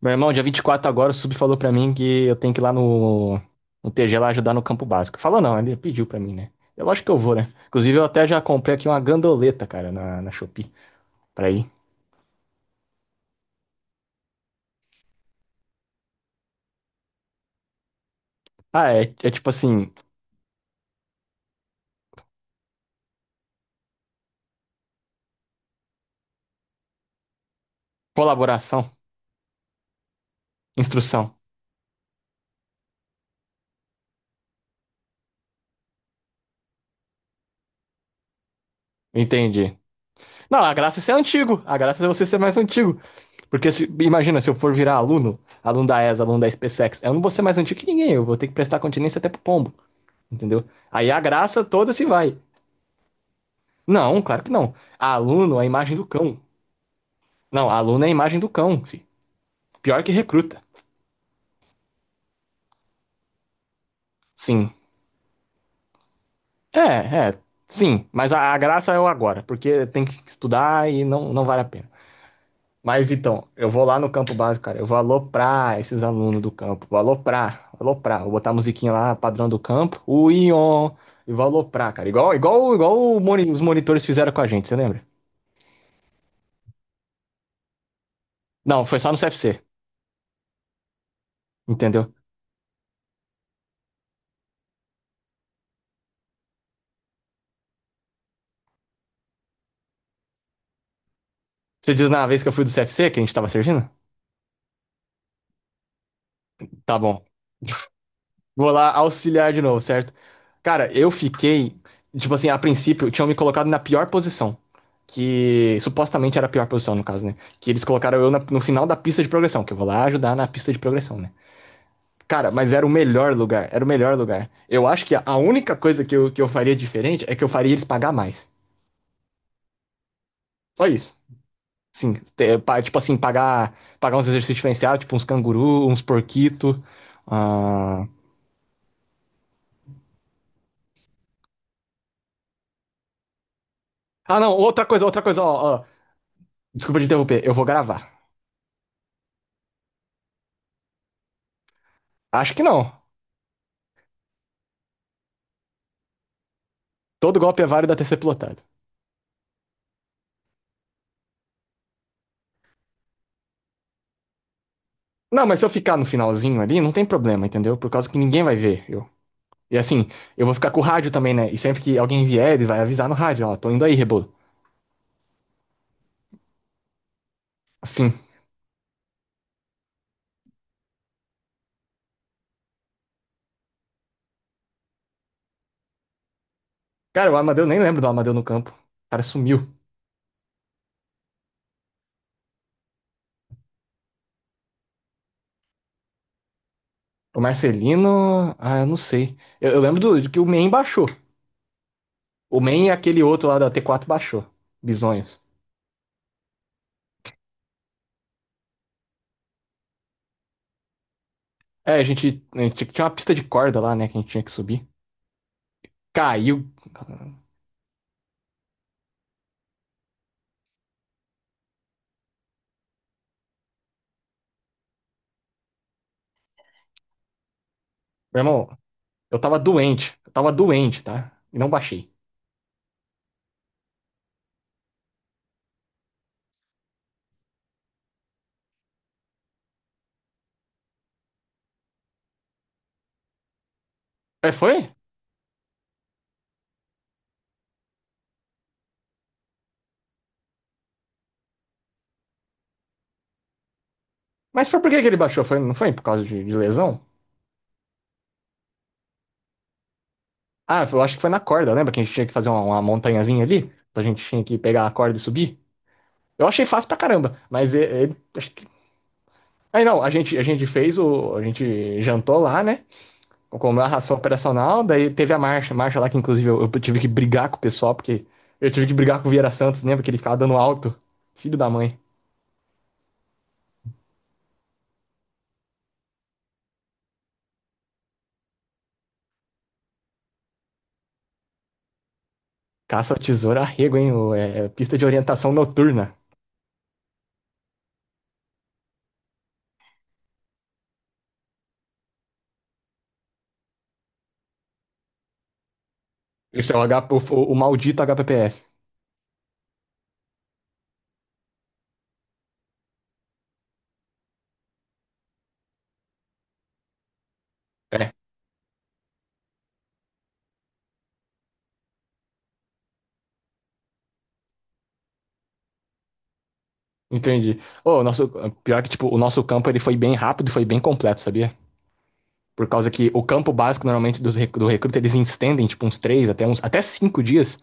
Meu irmão, dia 24 agora, o Sub falou pra mim que eu tenho que ir lá no TG lá ajudar no campo básico. Falou não, ele pediu pra mim, né? É lógico que eu vou, né? Inclusive, eu até já comprei aqui uma gandoleta, cara, na Shopee, pra ir. Ah, é tipo assim, colaboração, instrução. Entendi. Não, a graça é ser antigo. A graça é você ser mais antigo. Porque imagina, se eu for virar aluno, aluno da ESA, aluno da SpaceX, eu não vou ser mais antigo que ninguém. Eu vou ter que prestar continência até pro pombo, entendeu? Aí a graça toda se vai. Não, claro que não. Aluno, a imagem do cão. Não, aluno é a imagem do cão, fi. Pior que recruta. Sim. É, é. Sim, mas a graça é o agora, porque tem que estudar e não, não vale a pena. Mas então, eu vou lá no campo básico, cara. Eu vou aloprar esses alunos do campo. Vou aloprar, aloprar. Vou botar a musiquinha lá, padrão do campo. O Ion. E vou aloprar, cara. Igual os monitores fizeram com a gente, você lembra? Não, foi só no CFC, entendeu? Você diz na vez que eu fui do CFC, que a gente tava servindo? Tá bom. Vou lá auxiliar de novo, certo? Cara, eu fiquei, tipo assim, a princípio, tinham me colocado na pior posição. Que supostamente era a pior posição, no caso, né? Que eles colocaram eu no final da pista de progressão, que eu vou lá ajudar na pista de progressão, né? Cara, mas era o melhor lugar, era o melhor lugar. Eu acho que a única coisa que eu faria diferente é que eu faria eles pagar mais. Só isso. Sim, tipo assim, pagar uns exercícios diferenciados, tipo uns canguru, uns porquito. Ah, ah, não, outra coisa, ó, ó. Desculpa te interromper, eu vou gravar. Acho que não. Todo golpe é válido até ser plotado. Não, mas se eu ficar no finalzinho ali, não tem problema, entendeu? Por causa que ninguém vai ver eu. E assim, eu vou ficar com o rádio também, né? E sempre que alguém vier, ele vai avisar no rádio, ó, tô indo aí, Rebolo. Assim. Cara, o Amadeu, nem lembro do Amadeu no campo. O cara sumiu. O Marcelino, ah, eu não sei. Eu lembro de que o Men baixou. O Men e aquele outro lá da t quatro baixou. Bisonhos. É, a gente tinha uma pista de corda lá, né, que a gente tinha que subir. Caiu. Meu irmão, eu tava doente. Eu tava doente, tá? E não baixei. É, foi? Mas foi por que que ele baixou? Foi, não foi por causa de lesão? Ah, eu acho que foi na corda, lembra que a gente tinha que fazer uma montanhazinha ali? A gente tinha que pegar a corda e subir? Eu achei fácil pra caramba, mas acho que... Aí não, a gente fez o. A gente jantou lá, né? Comeu a ração operacional, daí teve a marcha. Marcha lá que, inclusive, eu tive que brigar com o pessoal, porque eu tive que brigar com o Vieira Santos, lembra que ele ficava dando alto? Filho da mãe. Caça ao tesouro arrego, hein? É pista de orientação noturna. Isso é o maldito HPPS. É, entendi. Ô, o nosso, pior que, tipo, o nosso campo ele foi bem rápido e foi bem completo, sabia? Por causa que o campo básico, normalmente, do recruta, eles estendem, tipo, uns três até até 5 dias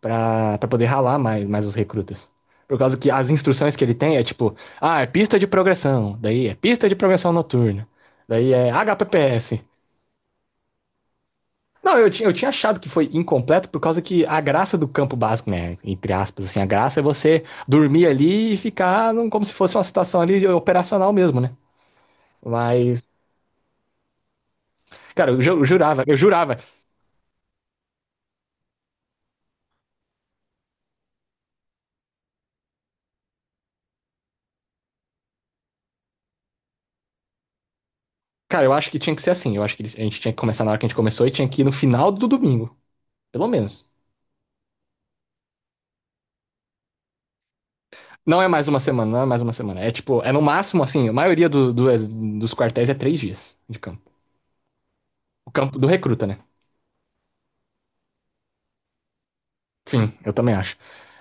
pra poder ralar mais, mais os recrutas. Por causa que as instruções que ele tem é, tipo, ah, é pista de progressão, daí é pista de progressão noturna, daí é HPPS. Não, eu tinha achado que foi incompleto por causa que a graça do campo básico, né? Entre aspas, assim, a graça é você dormir ali e ficar como se fosse uma situação ali operacional mesmo, né? Mas, cara, eu jurava, eu jurava. Cara, eu acho que tinha que ser assim. Eu acho que a gente tinha que começar na hora que a gente começou e tinha que ir no final do domingo, pelo menos. Não é mais uma semana, não é mais uma semana. É tipo, é no máximo, assim, a maioria dos quartéis é 3 dias de campo. O campo do recruta, né? Sim, eu também acho.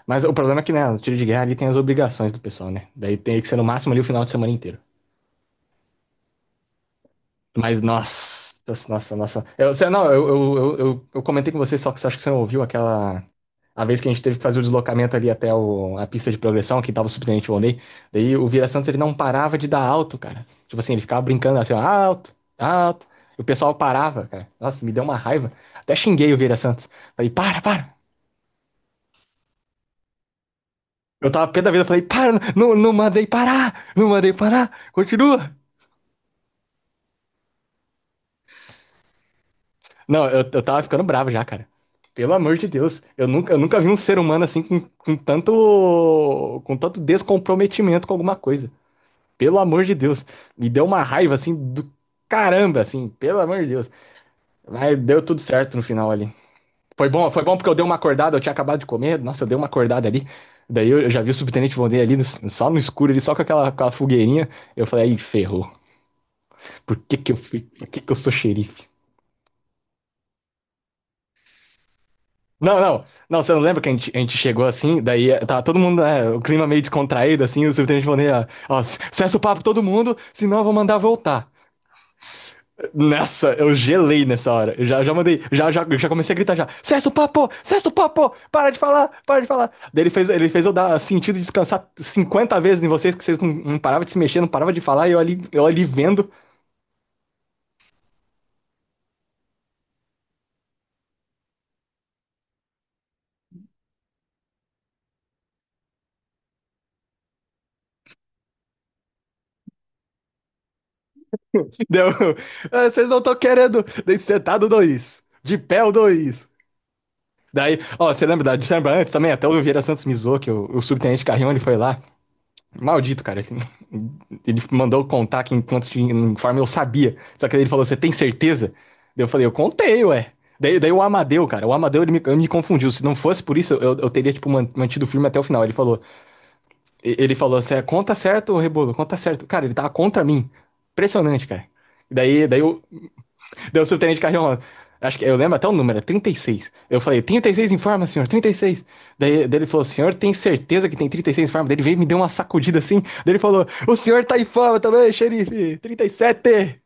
Mas o problema é que, né, no tiro de guerra ali tem as obrigações do pessoal, né? Daí tem que ser no máximo ali o final de semana inteiro. Mas, nossa, nossa, nossa. Não, eu comentei com você, só que você acha que você não ouviu aquela. A vez que a gente teve que fazer o deslocamento ali até a pista de progressão, que tava o subtenente Volney. Daí o Vila Santos ele não parava de dar alto, cara. Tipo assim, ele ficava brincando assim, ó, alto, alto. E o pessoal parava, cara. Nossa, me deu uma raiva. Até xinguei o Vila Santos. Falei, para, para. Eu tava pé da vida, eu falei, para, não, não mandei parar, não mandei parar, continua. Não, eu tava ficando bravo já, cara. Pelo amor de Deus, eu nunca vi um ser humano assim com tanto, com tanto descomprometimento com alguma coisa. Pelo amor de Deus, me deu uma raiva assim do caramba, assim, pelo amor de Deus. Mas deu tudo certo no final ali. Foi bom porque eu dei uma acordada, eu tinha acabado de comer, nossa, eu dei uma acordada ali. Daí eu já vi o subtenente Vonder ali, só no escuro, ali, só com aquela fogueirinha. Eu falei, aí ferrou. Por que que eu fui? Por que que eu sou xerife? Não, não, não, você não lembra que a gente chegou assim, daí tá todo mundo, né, o clima meio descontraído, assim, o subtenente falou, né, ó, cessa o papo todo mundo, senão eu vou mandar voltar. Nossa, eu gelei nessa hora, eu já mandei, já comecei a gritar já, cessa o papo, para de falar, para de falar. Daí ele fez eu dar sentido de descansar 50 vezes em vocês, que vocês não, não paravam de se mexer, não paravam de falar, e eu ali vendo. Deu, ah, vocês não estão querendo, daí sentado dois, de pé o dois. Daí, ó, você lembra da de lembra antes também? Até o Vieira Santos me zoou, que o subtenente Carrion, ele foi lá. Maldito, cara. Assim, ele mandou contar que enquanto tinha informe eu sabia. Só que daí ele falou, você tem certeza? Daí eu falei, eu contei, ué. Daí o Amadeu, cara, o Amadeu ele me confundiu. Se não fosse por isso, eu teria, tipo, mantido o filme até o final. Ele falou assim, "É, conta certo, Rebolo, conta certo." Cara, ele tava contra mim. Impressionante, cara. Daí eu. Deu o subtenente Carrion. Acho que eu lembro até o número, é 36. Eu falei, 36 em forma, senhor, 36. Daí ele falou, senhor, tem certeza que tem 36 em forma? Daí ele veio e me deu uma sacudida assim. Daí ele falou, o senhor tá em forma também, xerife, trinta e sete.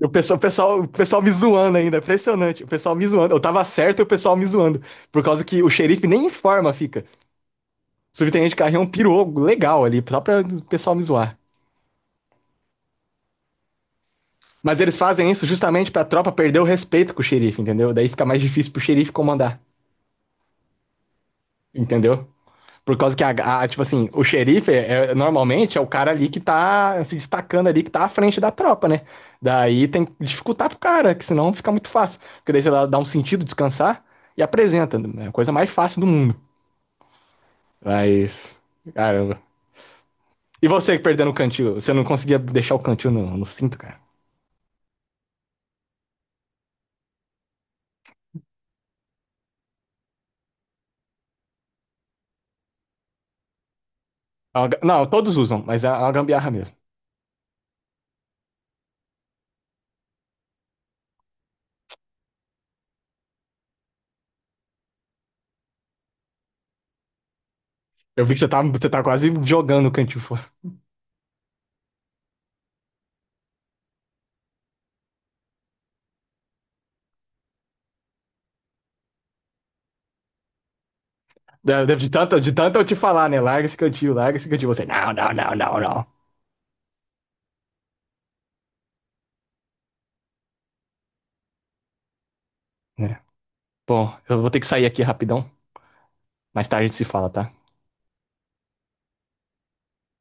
E o pessoal, o pessoal, o pessoal me zoando ainda, impressionante. O pessoal me zoando. Eu tava certo e o pessoal me zoando. Por causa que o xerife nem em forma fica. O subtenente Carrion pirou legal ali, só pra o pessoal me zoar. Mas eles fazem isso justamente pra tropa perder o respeito com o xerife, entendeu? Daí fica mais difícil pro xerife comandar. Entendeu? Por causa que, tipo assim, o xerife é, normalmente é o cara ali que tá se destacando ali, que tá à frente da tropa, né? Daí tem que dificultar pro cara, que senão fica muito fácil. Porque daí você dá um sentido, descansar e apresenta. Né? É a coisa mais fácil do mundo. Mas, caramba. E você que perdendo o cantil, você não conseguia deixar o cantil no cinto, cara? Não, todos usam, mas é uma gambiarra mesmo. Eu vi que você tá quase jogando o cantil fora. De tanto eu te falar, né? Larga esse cantil, larga esse cantil. Você, não, não, não, não, não. É. Bom, eu vou ter que sair aqui rapidão. Mais tarde a gente se fala, tá?